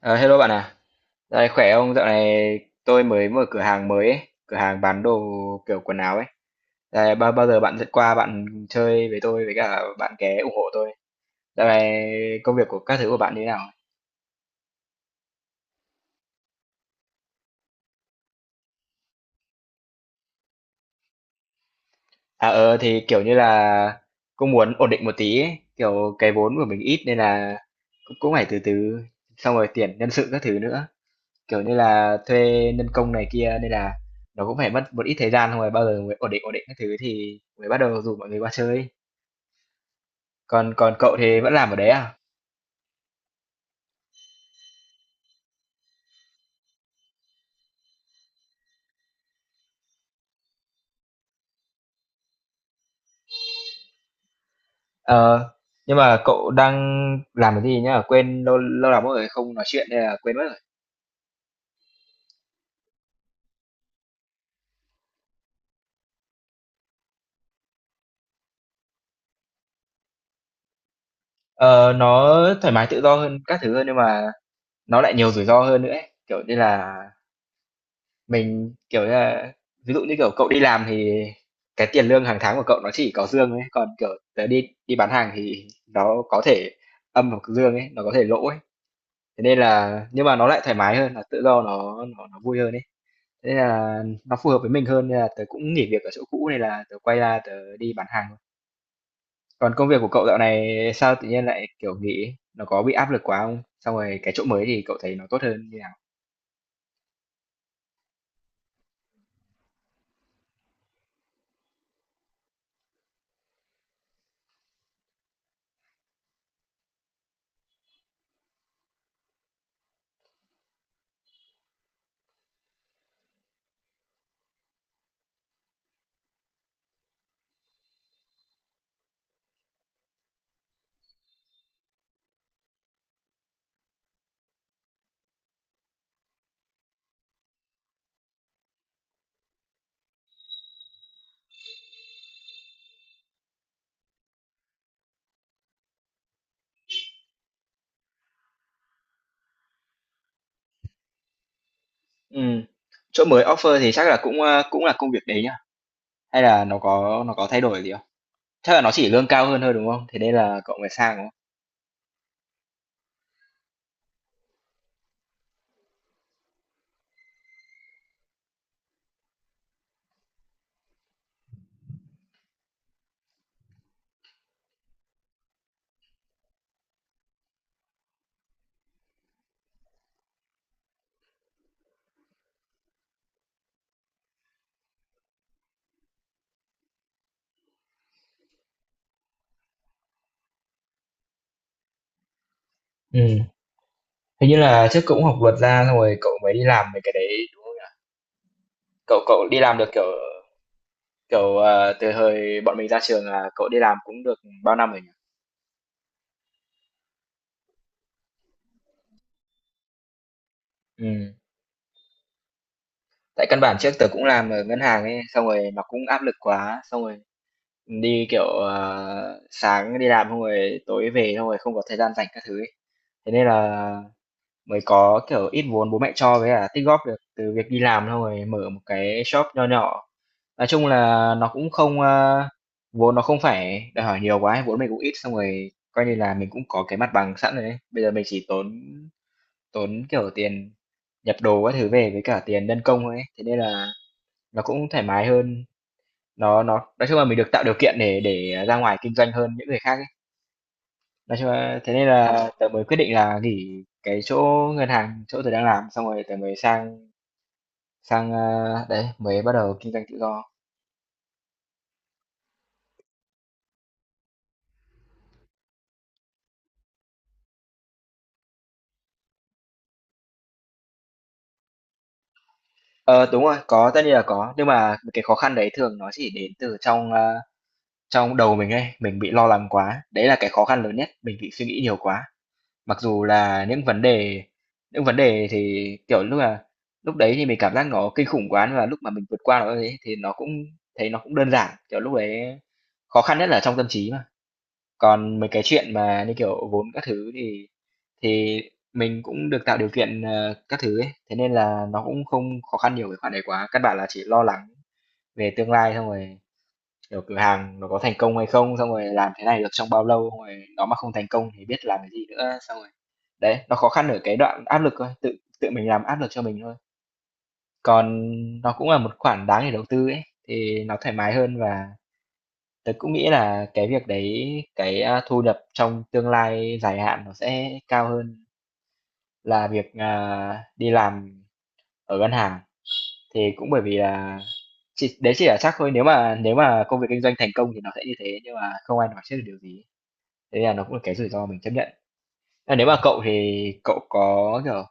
Ờ, hello bạn à, dạo này khỏe không? Dạo này tôi mới mở cửa hàng mới ấy, cửa hàng bán đồ kiểu quần áo ấy. Dạo này bao bao giờ bạn sẽ qua bạn chơi với tôi với cả bạn ké ủng hộ tôi. Dạo này công việc của các thứ của bạn như thế nào? Thì kiểu như là cũng muốn ổn định một tí ấy, kiểu cái vốn của mình ít nên là cũng cũng phải từ từ xong rồi tuyển nhân sự các thứ nữa. Kiểu như là thuê nhân công này kia nên là nó cũng phải mất một ít thời gian xong rồi bao giờ mới ổn định các thứ thì mới bắt đầu rủ mọi người qua chơi. Còn còn cậu thì vẫn làm ở đấy à? Ờ, nhưng mà cậu đang làm cái gì nhá? Quên lâu lâu lắm rồi không nói chuyện nên là quên mất rồi. Ờ, nó thoải mái tự do hơn các thứ hơn nhưng mà nó lại nhiều rủi ro hơn nữa ấy. Kiểu như là mình kiểu như là ví dụ như kiểu cậu đi làm thì cái tiền lương hàng tháng của cậu nó chỉ có dương ấy, còn kiểu tớ đi đi bán hàng thì nó có thể âm hoặc dương ấy, nó có thể lỗ ấy. Thế nên là nhưng mà nó lại thoải mái hơn, là tự do nó vui hơn ấy. Thế là nó phù hợp với mình hơn nên là tớ cũng nghỉ việc ở chỗ cũ này là tớ quay ra tớ đi bán hàng thôi. Còn công việc của cậu dạo này sao tự nhiên lại kiểu nghỉ? Nó có bị áp lực quá không? Xong rồi cái chỗ mới thì cậu thấy nó tốt hơn như nào? Ừ. Chỗ mới offer thì chắc là cũng cũng là công việc đấy nhá. Hay là nó có thay đổi gì không? Chắc là nó chỉ lương cao hơn thôi đúng không? Thế nên là cậu mới sang đúng không? Ừ. Hình như là trước cậu cũng học luật ra xong rồi cậu mới đi làm về cái đấy đúng không nhỉ? Cậu cậu đi làm được kiểu kiểu ờ, từ hồi bọn mình ra trường là cậu đi làm cũng được bao năm rồi nhỉ? Ừm, tại căn bản trước tớ cũng làm ở ngân hàng ấy, xong rồi nó cũng áp lực quá, xong rồi đi, kiểu, sáng đi làm xong rồi tối về xong rồi không có thời gian rảnh các thứ ấy. Thế nên là mới có, kiểu, ít vốn bố mẹ cho với cả tích góp được từ việc đi làm xong rồi mở một cái shop nho nhỏ. Nói chung là nó cũng không, vốn nó không phải đòi hỏi nhiều quá ấy, vốn mình cũng ít xong rồi coi như là mình cũng có cái mặt bằng sẵn rồi ấy. Bây giờ mình chỉ tốn tốn, kiểu, tiền nhập đồ các thứ về với cả tiền nhân công thôi ấy, thế nên là nó cũng thoải mái hơn. Nó nói chung là mình được tạo điều kiện để ra ngoài kinh doanh hơn những người khác ấy. Nói chung là thế nên là tớ mới quyết định là nghỉ cái chỗ ngân hàng, chỗ tớ đang làm, xong rồi tớ mới sang sang, đấy, mới bắt đầu kinh doanh tự do. Ờ, đúng rồi, có, tất nhiên là có, nhưng mà cái khó khăn đấy thường nó chỉ đến từ trong đầu mình ấy, mình bị lo lắng quá, đấy là cái khó khăn lớn nhất, mình bị suy nghĩ nhiều quá. Mặc dù là những vấn đề thì, kiểu, lúc đấy thì mình cảm giác nó kinh khủng quá, nhưng mà lúc mà mình vượt qua nó ấy thì nó cũng thấy nó cũng đơn giản, kiểu, lúc đấy khó khăn nhất là trong tâm trí mà. Còn mấy cái chuyện mà như kiểu vốn các thứ thì thì mình cũng được tạo điều kiện, các thứ ấy, thế nên là nó cũng không khó khăn nhiều về khoản đấy quá, căn bản là chỉ lo lắng về tương lai xong rồi. Kiểu cửa hàng nó có thành công hay không, xong rồi làm thế này được trong bao lâu, xong rồi nó mà không thành công thì biết làm cái gì nữa, xong rồi đấy, nó khó khăn ở cái đoạn áp lực thôi, tự tự mình làm áp lực cho mình thôi. Còn nó cũng là một khoản đáng để đầu tư ấy, thì nó thoải mái hơn và tớ cũng nghĩ là cái việc đấy, cái thu nhập trong tương lai dài hạn nó sẽ cao hơn là việc đi làm ở ngân hàng. Thì cũng bởi vì là đấy chỉ là chắc thôi nếu mà công việc kinh doanh thành công thì nó sẽ như thế nhưng mà không ai nói trước được điều gì. Thế là nó cũng là cái rủi ro mình chấp nhận. Thế nếu mà cậu thì cậu có, kiểu,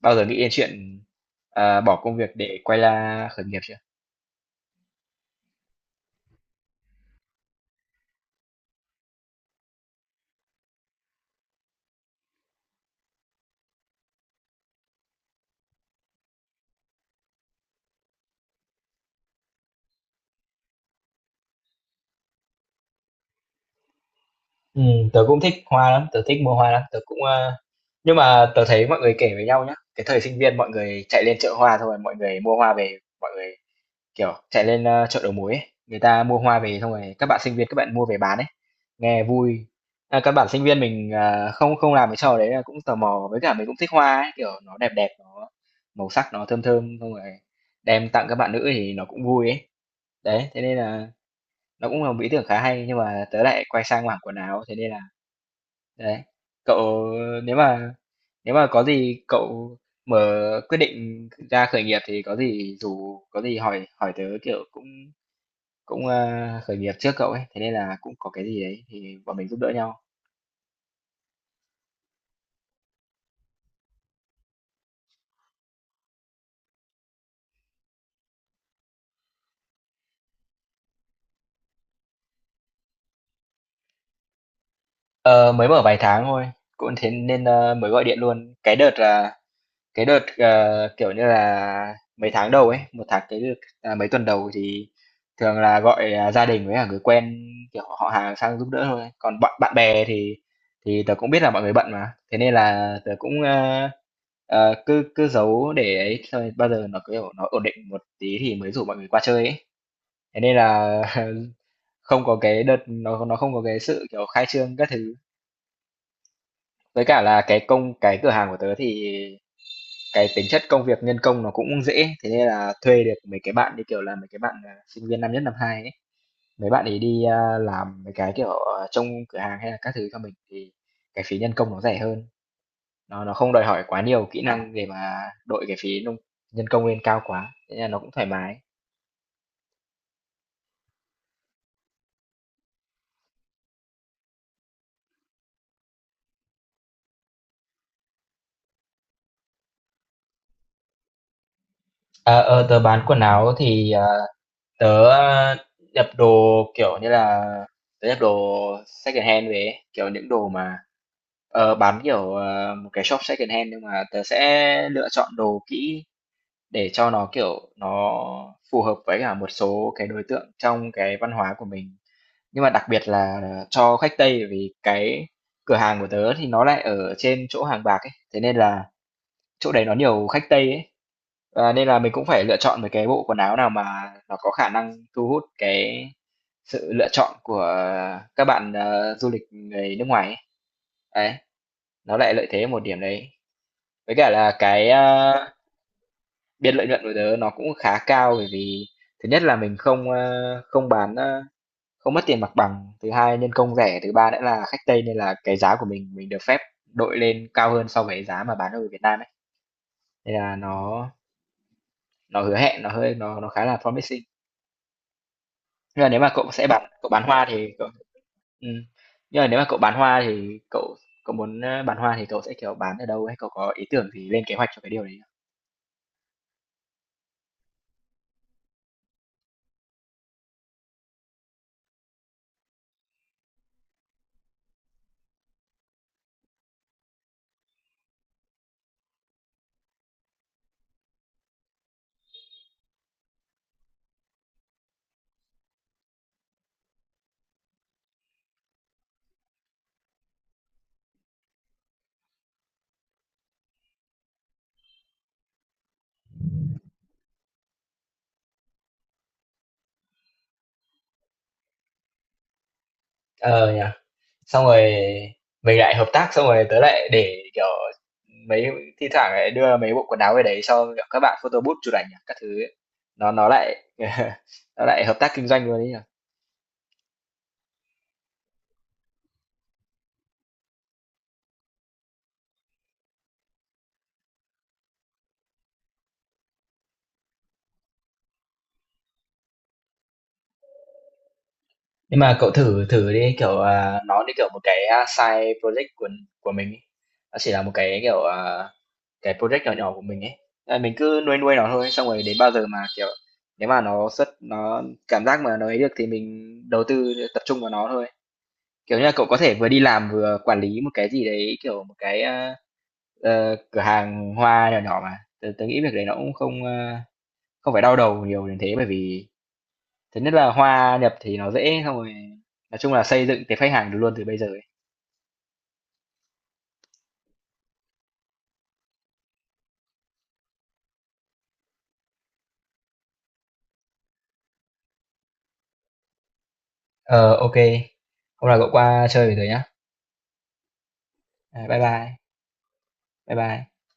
bao giờ nghĩ đến chuyện, bỏ công việc để quay ra khởi nghiệp chưa? Tớ cũng thích hoa lắm, tớ thích mua hoa lắm, tớ cũng, a nhưng mà tớ thấy mọi người kể với nhau nhá, cái thời sinh viên mọi người chạy lên chợ hoa thôi mọi người mua hoa về, mọi người, kiểu, chạy lên, chợ đầu mối ấy, người ta mua hoa về xong rồi các bạn sinh viên các bạn mua về bán ấy, nghe vui. Các bạn sinh viên mình, không không làm cái trò đấy là cũng tò mò, với cả mình cũng thích hoa ấy, kiểu, nó đẹp đẹp, nó màu sắc nó thơm thơm, xong rồi đem tặng các bạn nữ thì nó cũng vui ấy. Đấy, thế nên là nó cũng là một ý tưởng khá hay, nhưng mà tớ lại quay sang mảng quần áo, thế nên là đấy. Cậu nếu mà có gì cậu mở quyết định ra khởi nghiệp thì có gì dù có gì hỏi hỏi tớ, kiểu, cũng cũng, a, khởi nghiệp trước cậu ấy, thế nên là cũng có cái gì đấy thì bọn mình giúp đỡ nhau. Ờ, mới mở vài tháng thôi, cũng thế nên, mới gọi điện luôn. Cái đợt, kiểu như là, mấy tháng đầu ấy, một tháng cái đợt à, mấy tuần đầu thì thường là gọi, gia đình với cả người quen, kiểu, họ hàng sang giúp đỡ thôi. Còn bạn bạn bè thì tớ cũng biết là mọi người bận mà, thế nên là tớ cũng, cứ cứ giấu để ấy, thôi. Bao giờ nó, kiểu, nó ổn định một tí thì mới rủ mọi người qua chơi ấy. Thế nên là không có cái đợt nó không có cái sự, kiểu, khai trương các thứ. Với cả là cái cửa hàng của tớ thì cái tính chất công việc nhân công nó cũng dễ, thế nên là thuê được mấy cái bạn, như kiểu là, mấy cái bạn, sinh viên năm nhất, năm hai ấy, mấy bạn ấy đi, làm mấy cái, kiểu, trông cửa hàng hay là các thứ cho mình thì cái phí nhân công nó rẻ hơn, nó không đòi hỏi quá nhiều kỹ năng để mà đội cái phí nhân công lên cao quá, thế nên là nó cũng thoải mái. Ờ, ờ, tớ bán quần áo thì, tớ nhập đồ kiểu như là tớ nhập đồ second hand về ấy, kiểu những đồ mà bán kiểu một cái shop second hand nhưng mà tớ sẽ lựa chọn đồ kỹ để cho nó kiểu nó phù hợp với cả một số cái đối tượng trong cái văn hóa của mình nhưng mà đặc biệt là cho khách Tây vì cái cửa hàng của tớ thì nó lại ở trên chỗ Hàng Bạc ấy, thế nên là chỗ đấy nó nhiều khách Tây ấy, nên là mình cũng phải lựa chọn một cái bộ quần áo nào mà nó có khả năng thu hút cái sự lựa chọn của các bạn, du lịch người nước ngoài ấy. Đấy, nó lại lợi thế ở một điểm đấy. Với cả là cái, biên lợi nhuận của tớ nó cũng khá cao bởi vì thứ nhất là mình không, không bán, không mất tiền mặt bằng, thứ hai nhân công rẻ, thứ ba nữa là khách Tây nên là cái giá của mình được phép đội lên cao hơn so với giá mà bán ở Việt Nam ấy, nên là nó hứa hẹn, nó hơi nó khá là promising. Nhưng mà nếu mà cậu bán hoa thì cậu ừm, nhưng mà nếu mà cậu bán hoa thì cậu cậu muốn, bán hoa thì cậu sẽ, kiểu, bán ở đâu ấy? Cậu có ý tưởng gì lên kế hoạch cho cái điều đấy không? Ờ nhỉ. Xong rồi mình lại hợp tác xong rồi tớ lại để, kiểu, mấy thi thoảng lại đưa mấy bộ quần áo về đấy cho, kiểu, các bạn photo booth chụp ảnh các thứ ấy. Nó lại nó lại hợp tác kinh doanh luôn đấy nhỉ? Nhưng mà cậu thử thử đi kiểu nó như kiểu một cái side project của mình ý. Nó chỉ là một cái kiểu cái project nhỏ nhỏ của mình ấy. Mình cứ nuôi nuôi nó thôi xong rồi đến bao giờ mà kiểu nếu mà nó cảm giác mà nó ấy được thì mình đầu tư tập trung vào nó thôi. Kiểu như là cậu có thể vừa đi làm vừa quản lý một cái gì đấy kiểu một cái cửa hàng hoa nhỏ nhỏ mà. Tớ nghĩ việc đấy nó cũng không không phải đau đầu nhiều đến thế bởi vì thứ nhất là hòa nhập thì nó dễ xong rồi nói chung là xây dựng cái khách hàng được luôn từ bây giờ ấy. Ờ, ok. Hôm nào cậu qua chơi với tớ nhá. Bye bye. Bye bye.